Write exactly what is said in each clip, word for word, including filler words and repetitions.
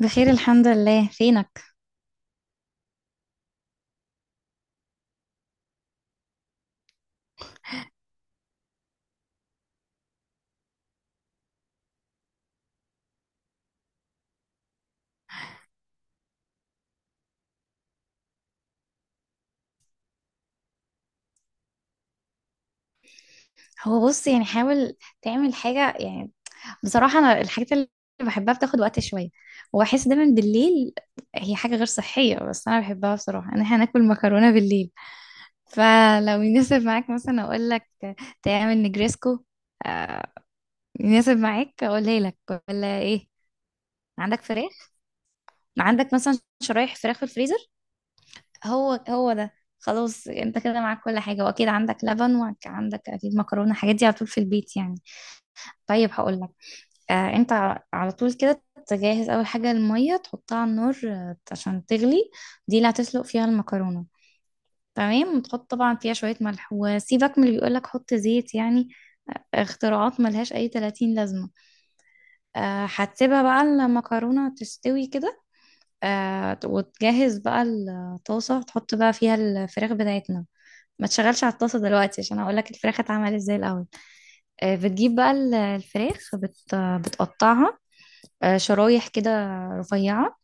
بخير، الحمد لله. فينك؟ هو بص، يعني حاول تعمل حاجة يعني. بصراحة أنا الحاجات اللي بحبها بتاخد وقت شوية، وأحس دايما بالليل هي حاجة غير صحية بس أنا بحبها بصراحة، إن إحنا ناكل مكرونة بالليل. فلو يناسب معاك مثلا أقول لك تعمل نجريسكو. آه، يناسب معاك أقولها لك ولا إيه؟ عندك فراخ؟ عندك مثلا شرايح فراخ في الفريزر؟ هو هو ده. خلاص انت كده معاك كل حاجة، واكيد عندك لبن. وعندك اكيد مكرونة، الحاجات دي على طول في البيت يعني. طيب هقول لك. آه انت ع- على طول كده تجهز اول حاجه الميه، تحطها على النار، آه، عشان تغلي. دي اللي هتسلق فيها المكرونه. تمام، وتحط طبعا فيها شويه ملح، وسيبك من اللي بيقولك حط زيت يعني، اختراعات ملهاش اي تلاتين لازمه. آه هتسيبها بقى المكرونه تستوي كده. آه وتجهز بقى الطاسه، تحط بقى فيها الفراخ بتاعتنا. ما تشغلش على الطاسه دلوقتي، عشان هقولك الفراخ اتعمل ازاي الاول. آه، بتجيب بقى ال- الفراخ، بت... بتقطعها آه، شرايح كده رفيعة.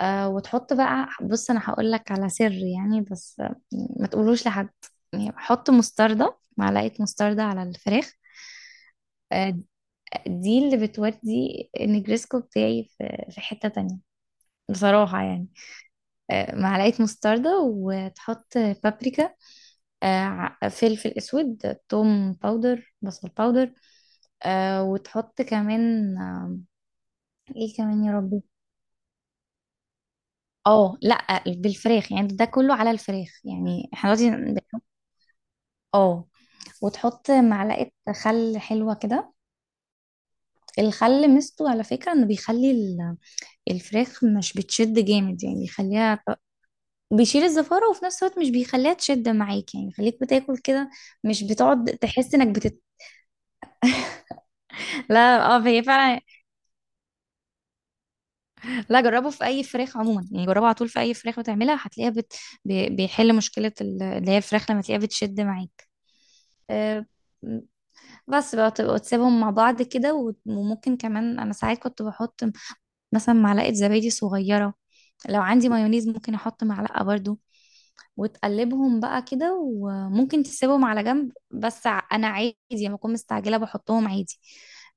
آه، وتحط بقى، بص أنا هقول لك على سر يعني، بس آه، ما تقولوش لحد. يعني حط مستردة، معلقة مستردة على الفراخ. آه، دي اللي بتودي النجريسكو بتاعي في في حتة تانية بصراحة يعني. آه، معلقة مستردة، وتحط بابريكا، آه، ع- فلفل أسود، توم باودر، بصل باودر، آه، وتحط كمان آه، ايه كمان يا ربي. اه لا، بالفراخ يعني، ده كله على الفراخ يعني، احنا دلوقتي بنحط- اه، وتحط معلقة خل حلوة كده. الخل ميزته على فكرة انه بيخلي ال- الفراخ مش بتشد جامد، يعني بيخليها، بيشيل الزفارة، وفي نفس الوقت مش بيخليها تشد معاك، يعني بيخليك بتاكل كده، مش بتقعد تحس انك بتت لا اه، هي فعلا. لا جربه في اي فراخ عموما يعني، جربه على طول في اي فراخ بتعملها هتلاقيها بت... بي- بيحل مشكلة ال- اللي هي الفراخ لما تلاقيها بتشد معاك. آه، بس بقى تبقى تسيبهم مع بعض كده، وت- وممكن كمان انا ساعات كنت بحط مثلا معلقة زبادي صغيرة، لو عندي مايونيز ممكن احط معلقة برضو، وتقلبهم بقى كده، وممكن تسيبهم على جنب، بس ع- انا عادي لما اكون مستعجله بحطهم عادي.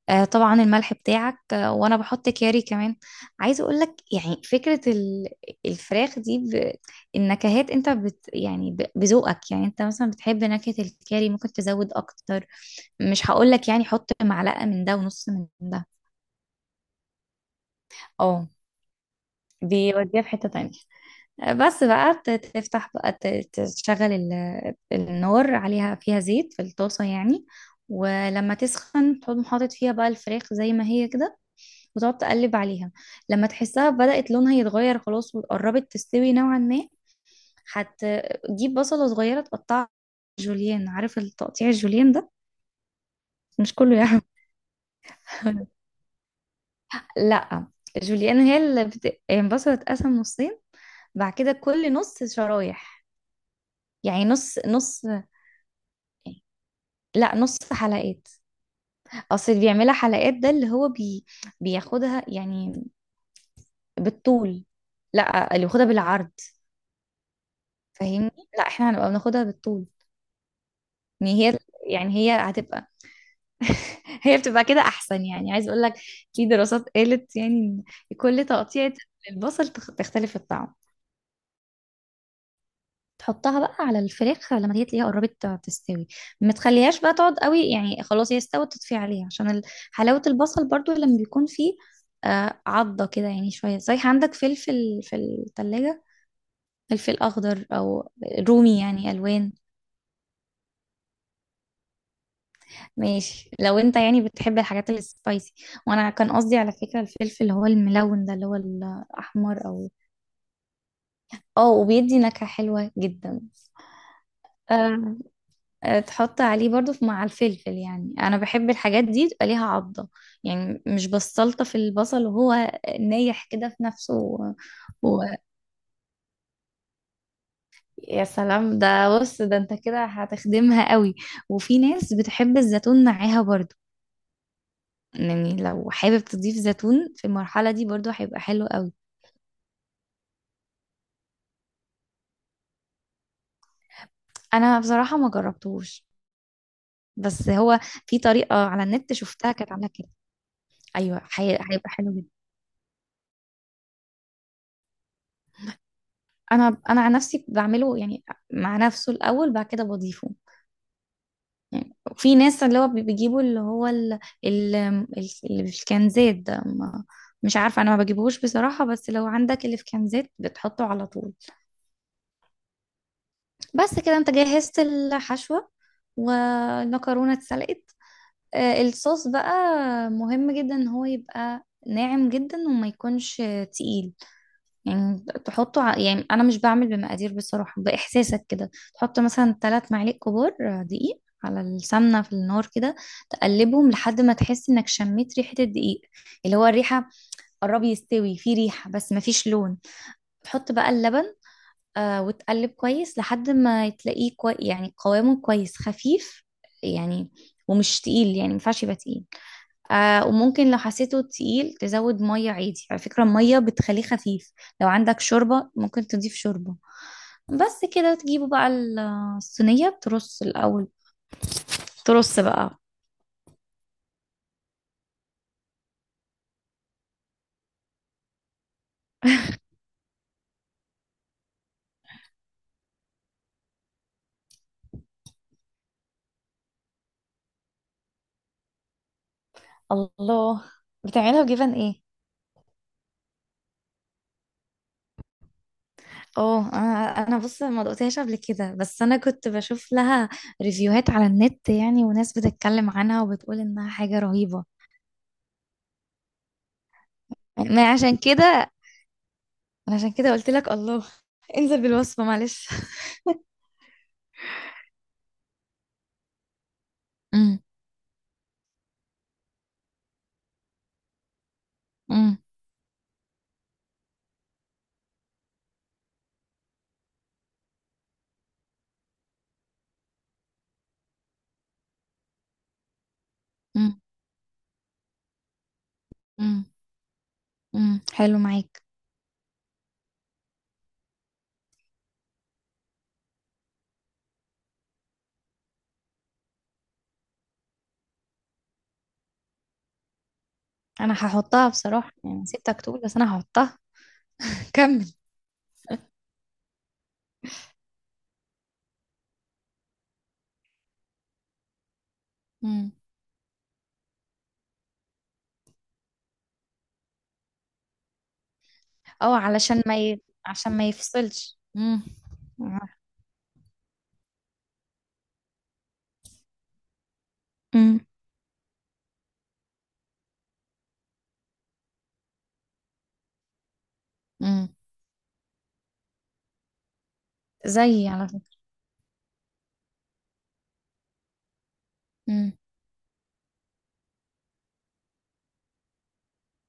آه طبعا الملح بتاعك، آه وانا بحط كاري كمان. عايزه اقول لك يعني فكره ال- الفراخ دي ب... النكهات انت بت يعني ب... بذوقك يعني، انت مثلا بتحب نكهه الكاري ممكن تزود اكتر، مش هقول لك يعني حط معلقه من ده ونص من ده. اه بيوديها في حته تانية. بس بقى ت- تفتح بقى، ت- تشغل ال- النار عليها فيها زيت في الطاسة يعني. ولما تسخن تقوم حاطط فيها بقى الفراخ زي ما هي كده، وتقعد تقلب عليها، لما تحسها بدأت لونها يتغير خلاص، وقربت تستوي نوعا ما، هتجيب بصلة صغيرة تقطعها جوليان. عارف التقطيع الجوليان ده؟ مش كله يعرف. لا، جوليان هي اللي بت... يعني البصلة تتقسم نصين، بعد كده كل نص شرايح، يعني نص نص. لا، نص حلقات. اصل اللي بيعملها حلقات ده اللي هو بي... بياخدها يعني بالطول. لا، اللي بياخدها بالعرض. فاهمني؟ لا احنا هنبقى بناخدها بالطول، يعني هي يعني هي هتبقى هي بتبقى كده احسن، يعني عايز اقول لك في دراسات قالت يعني ان كل تقطيع البصل تخ- تختلف الطعم. تحطها بقى على الفراخ لما دي تلاقيها قربت تستوي. ما تخليهاش بقى تقعد قوي يعني، خلاص هي استوت، تطفي عليها عشان ال- حلاوة البصل برضو لما بيكون فيه آه، عضة كده، يعني شوية. صحيح عندك فلفل في التلاجة؟ فلفل أخضر أو رومي، يعني ألوان. ماشي، لو أنت يعني بتحب الحاجات السبايسي. وأنا كان قصدي على فكرة الفلفل اللي هو الملون ده، اللي هو الأحمر أو، اه وبيدي نكهة حلوة جدا. آه، آه، تحط عليه برضو في- مع الفلفل يعني، انا بحب الحاجات دي تبقى ليها عضة، يعني مش بستلطف في البصل وهو نايح كده في نفسه و... و... يا سلام، ده بص ده انت كده هتخدمها قوي. وفي ناس بتحب الزيتون معاها برضو، يعني لو حابب تضيف زيتون في المرحلة دي برضو هيبقى حلو قوي. انا بصراحة ما جربتهوش، بس هو في طريقة على النت شفتها كانت عاملة كده. ايوه هي- هيبقى حلو جدا. انا انا عن نفسي بعمله يعني مع نفسه الاول، بعد كده بضيفه. يعني في ناس اللي هو بي- بيجيبوا اللي هو ال... ال... ال- اللي في الكنزات ده، ما... مش عارفه انا ما بجيبهوش بصراحه، بس لو عندك اللي في كنزات بتحطه على طول. بس كده انت جهزت الحشوه، والمكرونه اتسلقت. آه، الصوص بقى مهم جدا، ان هو يبقى ناعم جدا وما يكونش تقيل، يعني تحطه ع- يعني انا مش بعمل بمقادير بصراحة، باحساسك كده تحط مثلا تلات معالق كبار آه، دقيق على السمنة في النار كده، تقلبهم لحد ما تحس انك شميت ريحة الدقيق، اللي هو الريحة قرب يستوي، في ريحة بس مفيش لون. تحط بقى اللبن، آه وتقلب كويس لحد ما تلاقيه كوي، يعني قوامه كويس خفيف يعني، ومش تقيل، يعني مينفعش يبقى تقيل. آه وممكن لو حسيته تقيل تزود مية، عادي على فكرة المية بتخليه خفيف. لو عندك شوربة ممكن تضيف شوربة. بس كده تجيبوا بقى ال- الصينية ترص الأول، ترص بقى. الله، بتعملها بجبن ايه؟ اه، انا انا بص ما دقتهاش قبل كده، بس انا كنت بشوف لها ريفيوهات على النت يعني، وناس بتتكلم عنها وبتقول انها حاجة رهيبة. ما عشان كده، أنا عشان كده قلت لك الله. انزل بالوصفة معلش. امم. امم. امم، حلو معاك. انا هحطها بصراحة يعني، سيبتك تقول بس انا هحطها. كمل. امم. اه علشان ما ي... عشان ما يفصلش. امم. امم. امم، زي على فكرة. امم.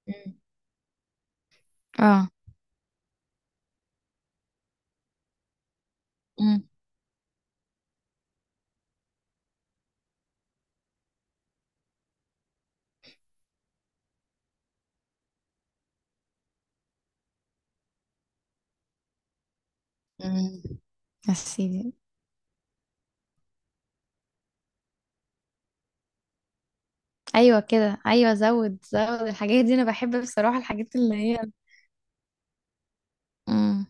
امم. اه. امم. امم، يا سيدي. ايوه كده، ايوه، زود زود، الحاجات دي انا بحب بصراحة، الحاجات اللي هي امم.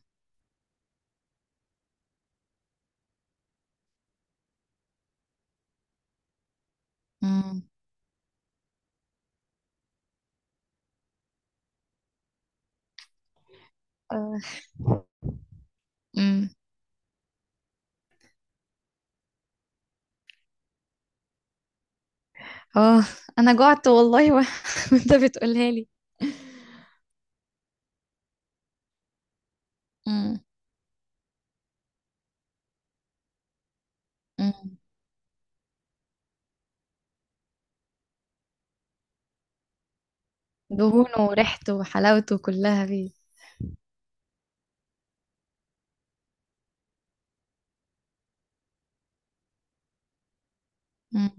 امم. اه. امم. اه، انا جعت والله و... وانت بتقولها لي. امم، دهونه وريحته وحلاوته كلها فيه. مم.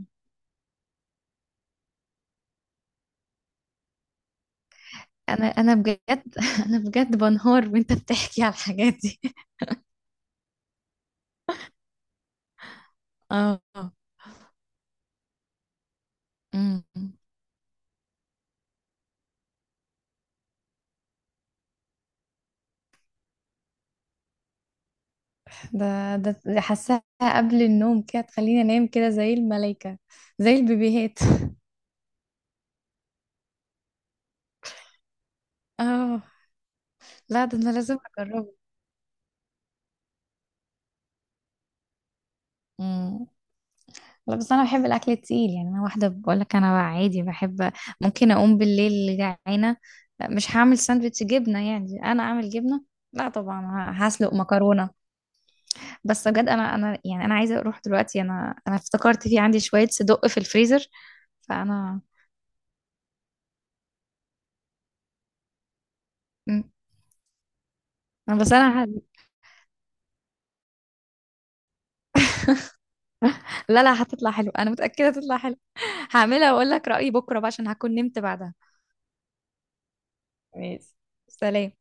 انا انا بجد انا بجد بنهار وانت بتحكي على الحاجات دي. اه. مم. ده ده ده حاساها قبل النوم كده، تخليني انام كده زي الملايكة، زي البيبيهات. اه لا، ده انا لازم اجربه. مم. لا بس انا بحب الاكل التقيل، يعني انا واحده بقول لك انا عادي بحب ممكن اقوم بالليل جعانه. لا، مش هعمل ساندوتش جبنه، يعني انا اعمل جبنه؟ لا طبعا. ه- هسلق مكرونه. بس بجد انا انا يعني انا عايزه اروح دلوقتي، انا انا افتكرت في عندي شويه صدق في الفريزر فانا. مم. انا بس انا ه... لا لا هتطلع حلو، انا متاكده هتطلع حلو. هعملها واقول لك رايي بكره بقى عشان هكون نمت بعدها. ماشي. سلام.